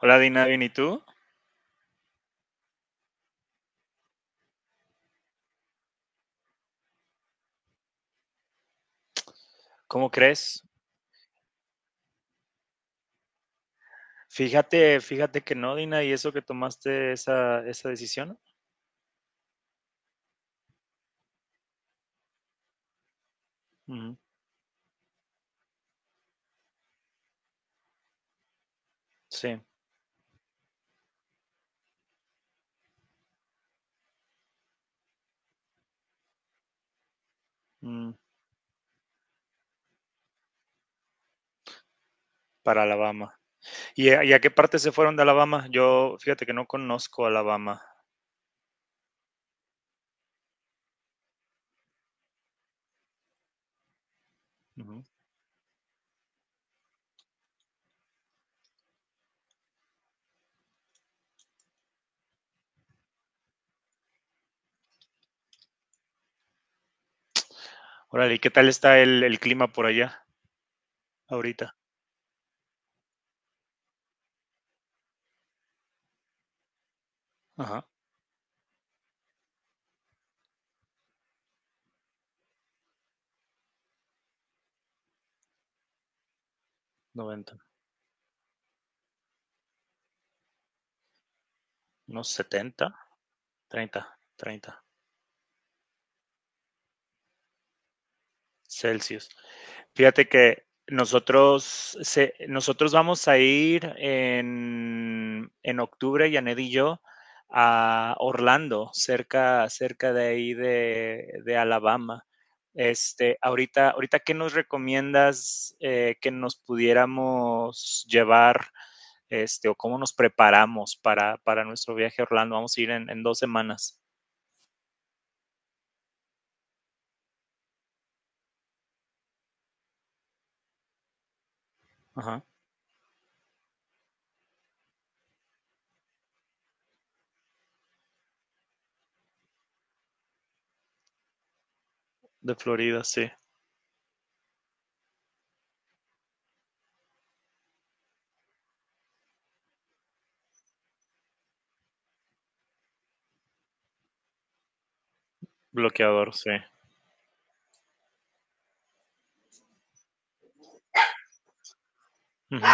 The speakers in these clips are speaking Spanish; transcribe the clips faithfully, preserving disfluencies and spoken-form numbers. Hola Dina, bien, ¿y tú? ¿Cómo crees? Fíjate, fíjate que no, Dina, y eso que tomaste esa, esa decisión. Ujú. Sí. Mm. Para Alabama. ¿Y a, y a qué parte se fueron de Alabama? Yo, fíjate que no conozco Alabama. Ujú. Órale, ¿y qué tal está el, el clima por allá ahorita? Ajá, noventa, no, setenta, treinta, treinta Celsius. Fíjate que nosotros, se- nosotros vamos a ir en, en octubre, Janet y yo, a Orlando, cerca, cerca de ahí de, de Alabama. Este, ahorita, ahorita, ¿qué nos recomiendas eh, que nos pudiéramos llevar, este, o cómo nos preparamos para, para nuestro viaje a Orlando? Vamos a ir en, en dos semanas. Ajá. De Florida, sí. Bloqueador, sí. Ujú.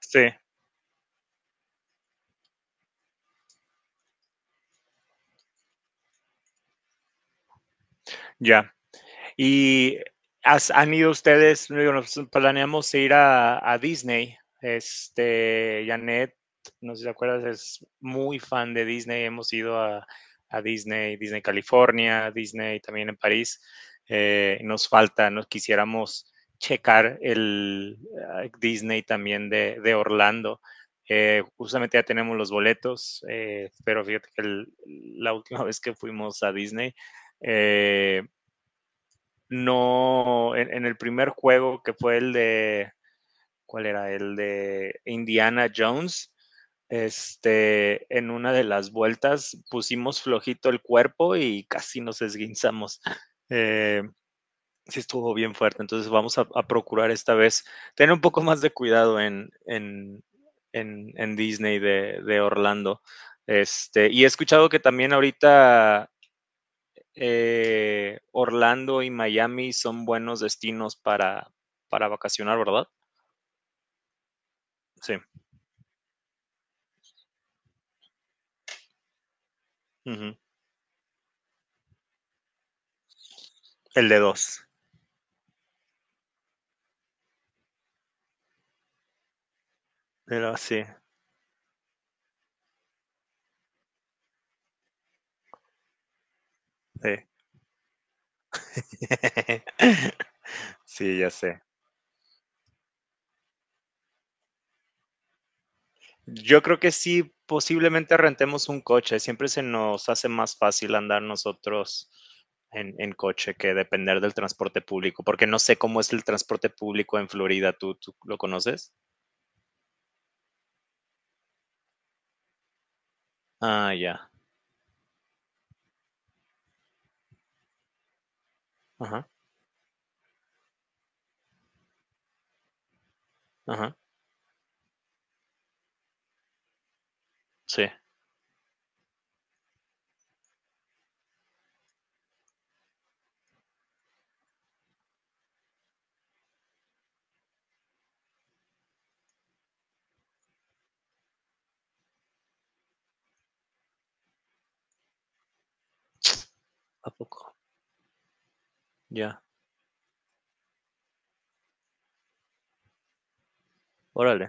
Sí, ya. Y has, han ido ustedes, digo, nos planeamos ir a, a Disney. Este, Janet, no sé si te acuerdas, es muy fan de Disney. Hemos ido a, a Disney, Disney California, Disney también en París. Eh, nos falta, nos quisiéramos checar el uh, Disney también de, de Orlando. Eh, justamente ya tenemos los boletos, eh, pero fíjate que el, la última vez que fuimos a Disney, eh, no, en, en el primer juego que fue el de, ¿cuál era? El de Indiana Jones. Este, en una de las vueltas pusimos flojito el cuerpo y casi nos esguinzamos. Eh, sí estuvo bien fuerte, entonces vamos a, a, procurar esta vez tener un poco más de cuidado en, en, en, en Disney de, de, Orlando. Este, y he escuchado que también ahorita eh, Orlando y Miami son buenos destinos para, para vacacionar, ¿verdad? Sí. Ujú. El de dos. Pero sí, sí. Sí, ya sé. Yo creo que sí, posiblemente rentemos un coche. Siempre se nos hace más fácil andar nosotros en, en coche que depender del transporte público, porque no sé cómo es el transporte público en Florida. ¿Tú, tú lo conoces? Ah, ya. Ajá, ajá. Sí. ¿A poco? Ya. Órale.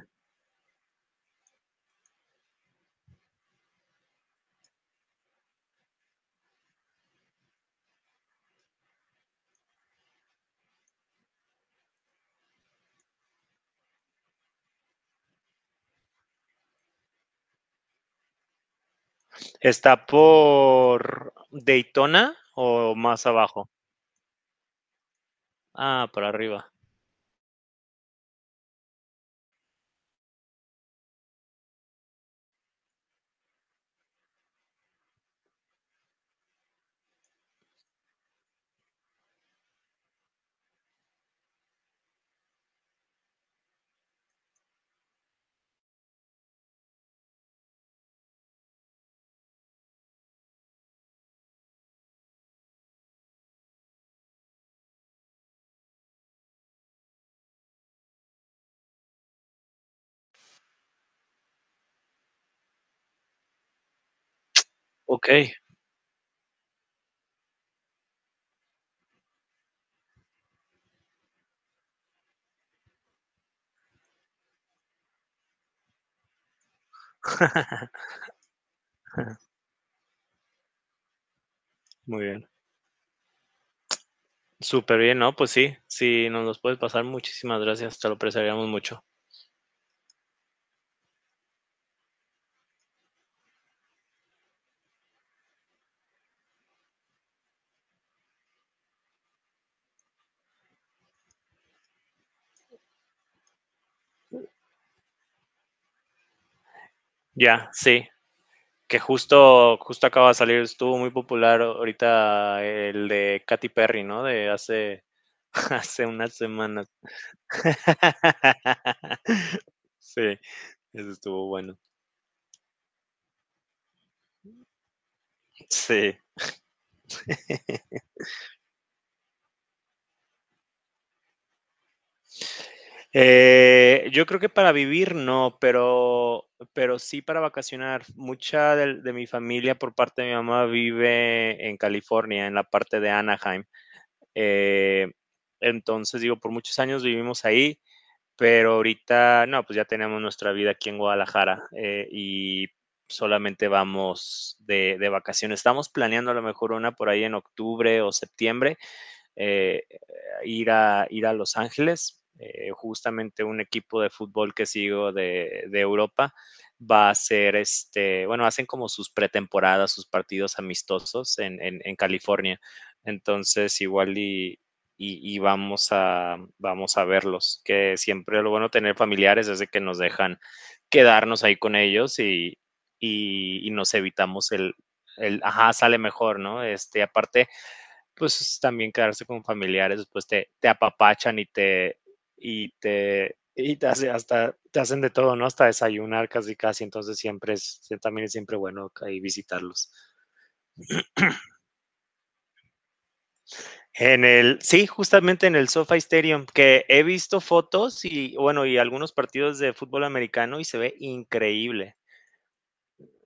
Está por Daytona o más abajo. Ah, por arriba. Ok, muy bien. Súper bien, ¿no? Pues sí, si nos los puedes pasar, muchísimas gracias, te lo apreciaríamos mucho. Ya, sí, que justo, justo acaba de salir, estuvo muy popular ahorita el de Katy Perry, ¿no? De hace, hace unas semanas. Sí, eso estuvo bueno. Sí. Eh, yo creo que para vivir no, pero, pero sí para vacacionar. Mucha del- de, mi familia por parte de mi mamá vive en California, en la parte de Anaheim. Eh, entonces, digo, por muchos años vivimos ahí, pero ahorita no, pues ya tenemos nuestra vida aquí en Guadalajara eh, y solamente vamos de, de vacaciones. Estamos planeando a lo mejor una por ahí en octubre o septiembre eh, ir, a, ir a Los Ángeles. Eh, justamente un equipo de fútbol que sigo de, de Europa va a hacer, este, bueno, hacen como sus pretemporadas, sus partidos amistosos en, en, en California. Entonces, igual y, y, y, vamos, a, vamos a verlos, que siempre lo bueno tener familiares es de que nos dejan quedarnos ahí con ellos y, y, y nos evitamos el, el, ajá, sale mejor, ¿no? Este, aparte, pues también quedarse con familiares, después te, te apapachan y te, y te, y te hace hasta, te hacen de todo, ¿no? Hasta desayunar casi casi, entonces siempre es, sí, también es siempre bueno ahí visitarlos. En el, sí, justamente en el SoFi Stadium, que he visto fotos y, bueno, y algunos partidos de fútbol americano y se ve increíble.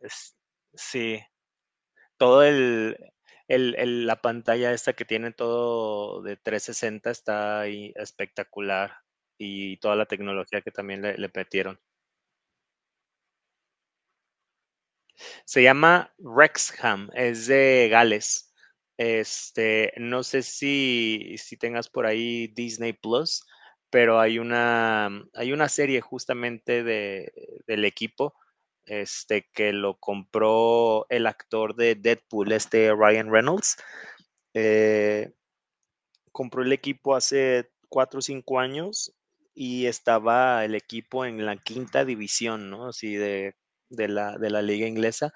Es- sí, todo el, el- el- la pantalla esta que tiene todo de trescientos sesenta está ahí espectacular y toda la tecnología que también le, le metieron. Se llama Rexham, es de Gales. Este, no sé si, si tengas por ahí Disney Plus, pero hay una, hay una serie justamente de, del equipo este, que lo compró el actor de Deadpool, este Ryan Reynolds. Eh, Compró el equipo hace cuatro o cinco años y estaba el equipo en la quinta división, ¿no? Así de, de la, de la liga inglesa.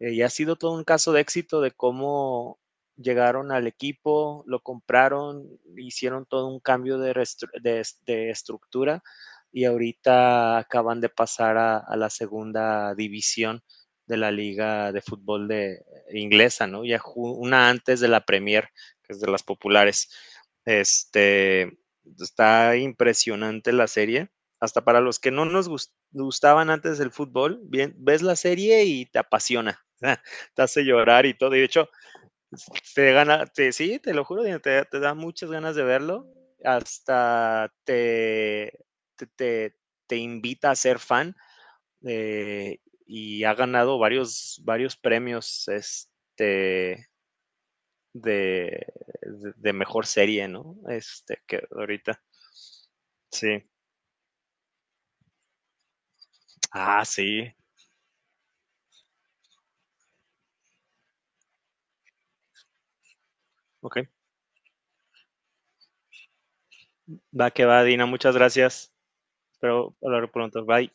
Eh, y ha sido todo un caso de éxito de cómo llegaron al equipo, lo compraron, hicieron todo un cambio de, de, de estructura y ahorita acaban de pasar a, a, la segunda división de la liga de fútbol de eh, inglesa, ¿no? Ya una antes de la Premier, que es de las populares. Este está impresionante la serie. Hasta para los que no nos gust- gustaban antes el fútbol, bien, ves la serie y te apasiona. Te hace llorar y todo. Y de hecho, te gana, te, sí, te lo juro, te, te da muchas ganas de verlo. Hasta te, te, te, te invita a ser fan eh, y ha ganado varios, varios premios este, de, de mejor serie, ¿no? Este, que ahorita. Sí. Ah, sí. Ok. Va que va, Dina. Muchas gracias. Espero hablar pronto. Bye.